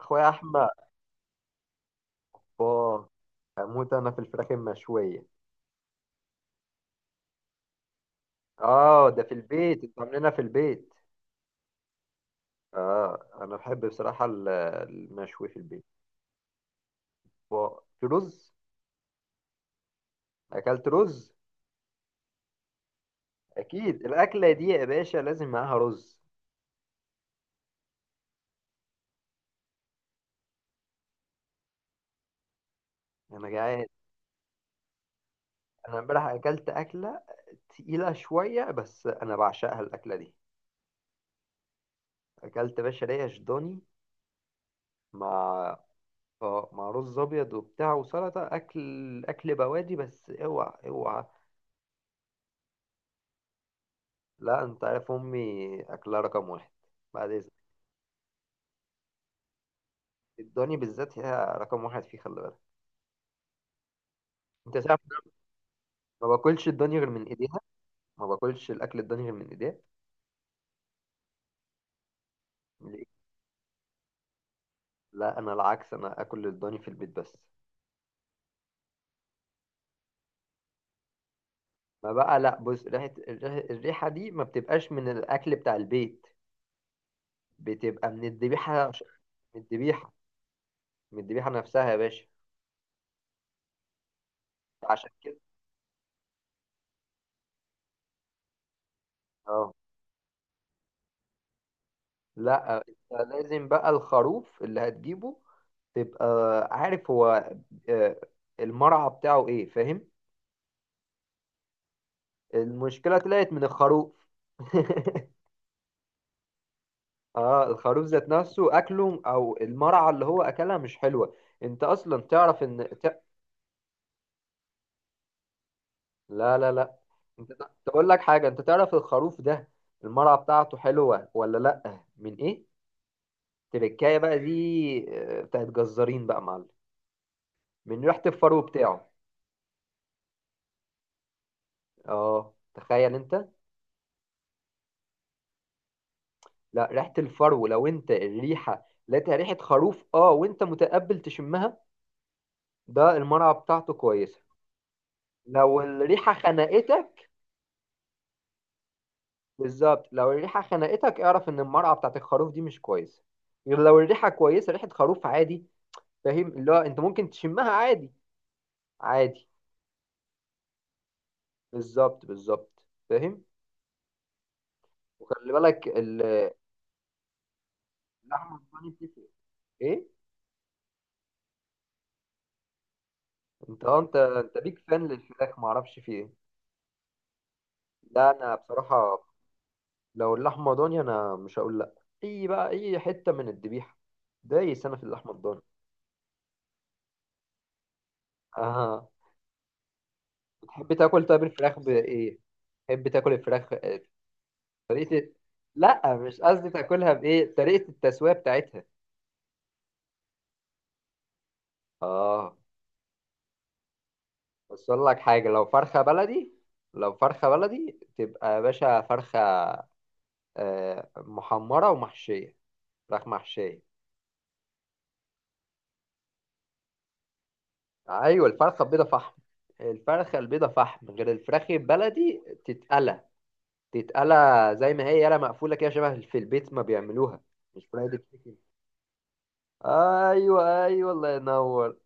اخويا احمد. اه، هموت انا في الفراخ المشويه. اه، ده في البيت، انتوا عاملينها في البيت. اه، انا بحب بصراحه المشوي في البيت. آه، في رز. اكلت رز. اكيد الاكله دي يا باشا لازم معاها رز. انا جعان. انا امبارح اكلت اكله تقيله شويه، بس انا بعشقها الاكله دي. اكلت يا باشا ريش ضاني مع اه مع رز ابيض وبتاع وسلطه، اكل اكل بوادي، بس اوعى اوعى. لا، انت عارف امي اكلها رقم واحد. بعد اذنك. الضاني بالذات هي رقم واحد فيه، خلي بالك. انت تعرف. ما باكلش الضاني غير من ايديها. ما باكلش الاكل الضاني غير من ايديها. ليه؟ لا، انا العكس، انا اكل الضاني في البيت بس. ما بقى. لا بص، ريحه الريحه الريحة دي ما بتبقاش من الاكل بتاع البيت، بتبقى من الذبيحه. من الذبيحه. من الذبيحه نفسها يا باشا. عشان كده. اه، لا، انت لازم بقى الخروف اللي هتجيبه تبقى عارف هو، آه، المرعى بتاعه ايه، فاهم. المشكلة طلعت من الخروف. اه، الخروف ذات نفسه اكله او المرعى اللي هو اكلها مش حلوة. انت اصلا تعرف ان لا لا لا. انت تقول لك حاجة، انت تعرف الخروف ده المرعى بتاعته حلوة ولا لا، من ايه؟ تركاية بقى دي. آه، بتاعت جزارين بقى يا معلم، من ريحة الفرو بتاعه. اه، تخيل انت. لا، ريحة الفرو لو انت الريحة لقيتها ريحة خروف وانت متقبل تشمها، ده المرعى بتاعته كويسة. لو الريحة خنقتك. بالظبط، لو الريحة خنقتك اعرف ان المرعى بتاعت الخروف دي مش كويسة. غير لو الريحة كويسة، ريحة خروف عادي، فاهم، اللي هو انت ممكن تشمها عادي. عادي. بالظبط بالظبط. فاهم. وخلي بالك اللحمة الضاني بتفرق. ايه. انت اه انت انت بيك فان للفراخ، معرفش في ايه. لا، انا بصراحة لو اللحمة ضاني أنا مش هقول لأ، أي بقى أي حتة من الذبيحة، دايس أنا في اللحمة الضاني. آه. بتحب تاكل طيب الفراخ بإيه؟ بتحب تاكل الفراخ آه، طريقة. لأ، مش قصدي تاكلها بإيه، طريقة التسوية بتاعتها. آه. بس أقول لك حاجة، لو فرخة بلدي تبقى يا باشا فرخة آه، محمرة ومحشية. فراخ محشية. أيوة، الفرخة البيضة فحم. الفرخة البيضة فحم، غير الفراخ البلدي تتقلى. تتقلى زي ما هي، يالا مقفولة كده، شبه في البيت ما بيعملوها. مش فرايد تشيكن. ايوه ايوه، الله ينور.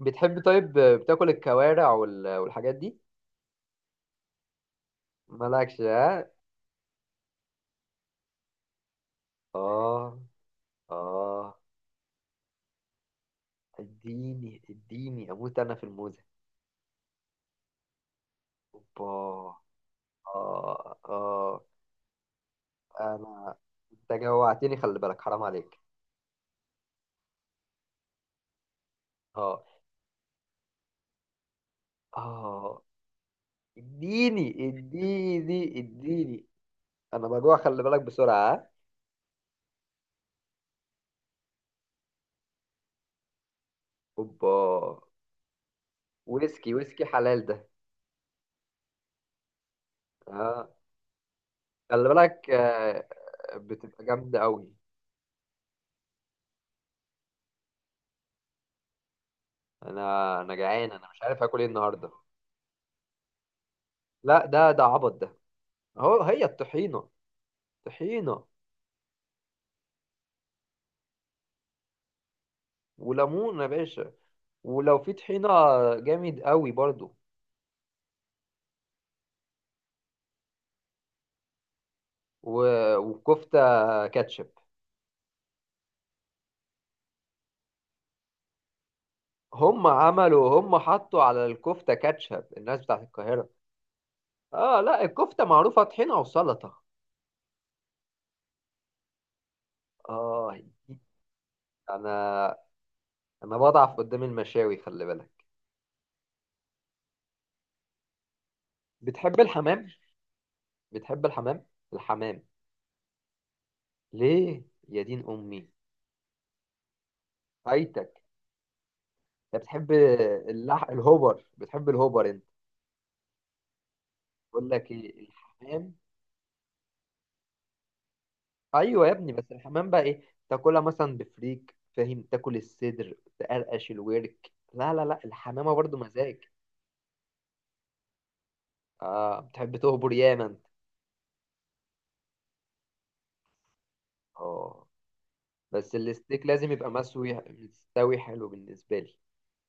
بتحب طيب بتاكل الكوارع والحاجات دي؟ مالكش، ها. اه اه، اديني اديني اموت انا في الموزة. اوبا. اه اه، انا انت جوعتني، خلي بالك حرام عليك. اه اه، اديني اديني اديني. انا بجوع خلي بالك، بسرعة، ها. اوبا. ويسكي ويسكي حلال ده. اه، خلي بالك، آه، بتبقى جامدة قوي. انا جعان، انا مش عارف اكل ايه النهارده. لا، ده عبط ده. اهو هي الطحينة. طحينة وليمون يا باشا، ولو في طحينة جامد قوي برضو. وكفتة كاتشب. هم حطوا على الكفتة كاتشب، الناس بتاعت القاهرة. اه، لا، الكفتة معروفة طحينة وسلطة. اه، انا انا بضعف قدام المشاوي، خلي بالك. بتحب الحمام؟ بتحب الحمام؟ الحمام؟ ليه يا دين امي؟ فايتك. انت بتحب الهوبر؟ بتحب الهوبر انت؟ بقول لك ايه، الحمام. ايوه يا ابني، بس الحمام بقى ايه، تاكلها مثلا بفريك، فاهم، تاكل الصدر تقرقش الورك، لا لا لا، الحمامه برضو مزاج. اه، بتحب تهبر ياما انت. اه، بس الستيك لازم يبقى مستوي حلو بالنسبه لي.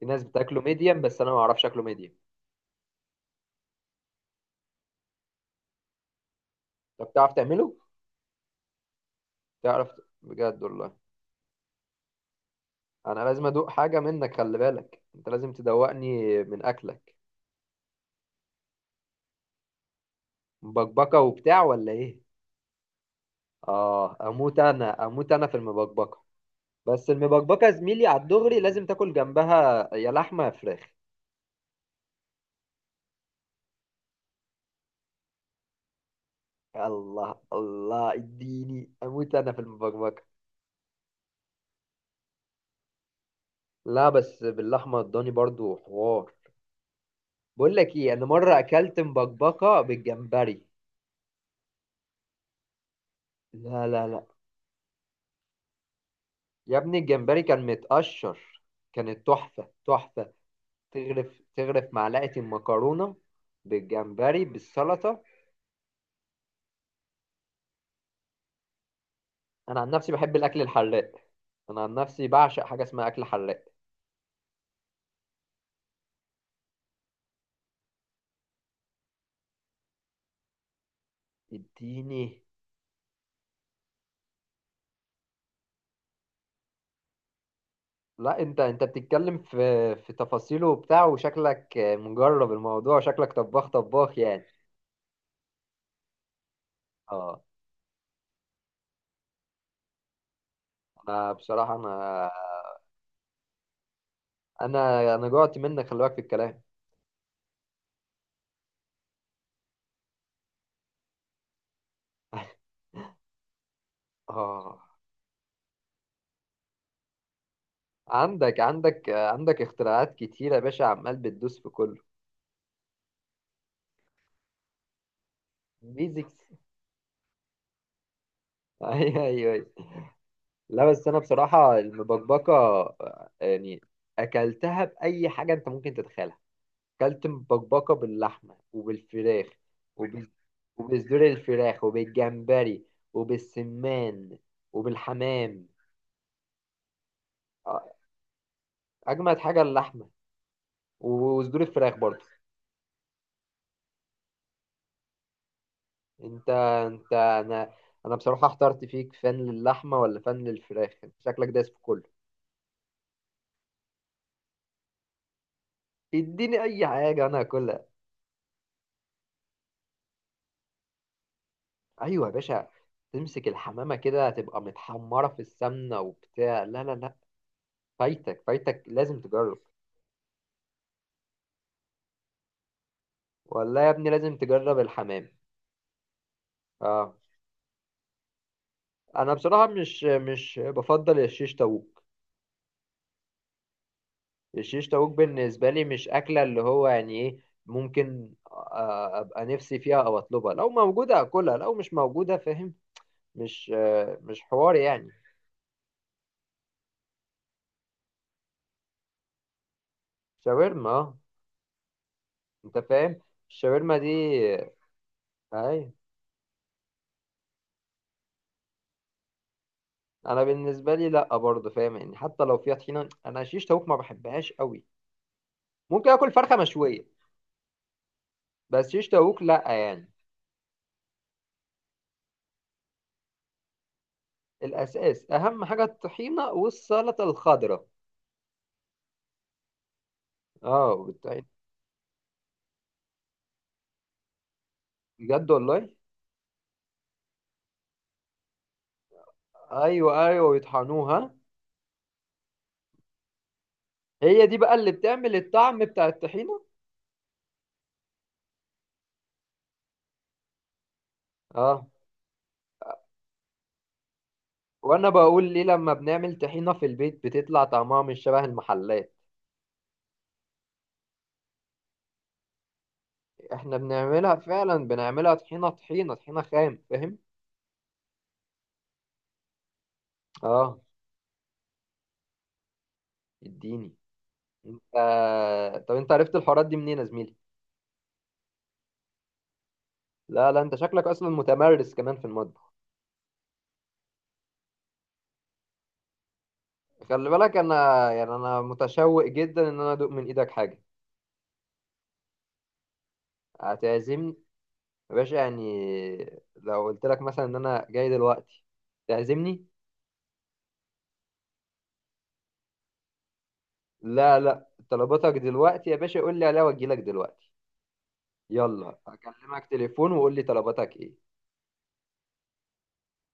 في ناس بتاكله ميديم، بس انا ما اعرفش اكله ميديم. طب بتعرف تعمله؟ تعرف؟ بجد والله. انا لازم ادوق حاجه منك، خلي بالك، انت لازم تدوقني من اكلك. مبكبكه وبتاع، ولا ايه؟ اه، اموت انا في المبكبكه. بس المبكبكه يا زميلي على الدغري لازم تاكل جنبها يا لحمه يا فراخ. الله الله، اديني اموت انا في المبكبكه. لا، بس باللحمه الضاني برضو حوار. بقول لك ايه، انا مره اكلت مبكبكه بالجمبري. لا لا لا. يا ابني الجمبري كان متقشر، كانت تحفه تحفه. تغرف تغرف معلقة المكرونة بالجمبري بالسلطة. أنا عن نفسي بحب الأكل الحراق. أنا عن نفسي بعشق حاجة اسمها أكل حراق. اديني. لا، أنت بتتكلم في في تفاصيله وبتاع، وشكلك مجرب الموضوع، وشكلك طباخ طباخ يعني. اه، أنا بصراحة أنا أنا جوعت منك خلي بالك في الكلام. اه، عندك اختراعات كتيرة يا باشا، عمال بتدوس في كله. بيزكس. ايوه ايوه، أيوة. لا بس انا بصراحه المبكبكه آه، يعني اكلتها باي حاجه انت ممكن تتخيلها. اكلت مبكبكه باللحمه وبالفراخ وبال... وبصدور الفراخ وبالجمبري وبالسمان وبالحمام. آه، اجمد حاجه اللحمه وصدور الفراخ برضه. انت انت انا بصراحه احترت فيك، فن للحمه ولا فن للفراخ، انت شكلك دايس في كله. اديني اي حاجه انا هاكلها. ايوه يا باشا، تمسك الحمامه كده تبقى متحمره في السمنه وبتاع، لا لا لا. فايتك فايتك لازم تجرب. والله يا ابني لازم تجرب الحمام. اه، انا بصراحه مش بفضل الشيش طاووق. الشيش طاووق بالنسبه لي مش اكله، اللي هو يعني ايه، ممكن آه، ابقى نفسي فيها او اطلبها لو موجوده اكلها لو مش موجوده، فاهم. مش حوار يعني. شاورما اه. انت فاهم الشاورما دي. اي. انا بالنسبه لي لا برضه، فاهم يعني، حتى لو فيها طحينه انا شيش تاوك ما بحبهاش قوي. ممكن اكل فرخه مشويه، بس شيش تاوك لا يعني. الاساس اهم حاجه الطحينه والسلطه الخضراء. اه، بجد والله. ايوه ايوه، يطحنوها. هي دي بقى اللي بتعمل الطعم بتاع الطحينه. اه، وانا بقول ليه لما بنعمل طحينه في البيت بتطلع طعمها مش شبه المحلات. احنا بنعملها طحينه طحينه طحينه خام، فاهم. اه، اديني. انت، طب انت عرفت الحوارات دي منين يا زميلي؟ لا لا، انت شكلك اصلا متمرس كمان في المطبخ، خلي بالك. انا يعني، انا متشوق جدا ان انا ادوق من ايدك حاجه. هتعزمني يا باشا يعني، لو قلت لك مثلا ان انا جاي دلوقتي تعزمني؟ لا لا، طلباتك دلوقتي يا باشا قول لي عليها واجي لك دلوقتي. يلا هكلمك تليفون وقول لي طلباتك ايه.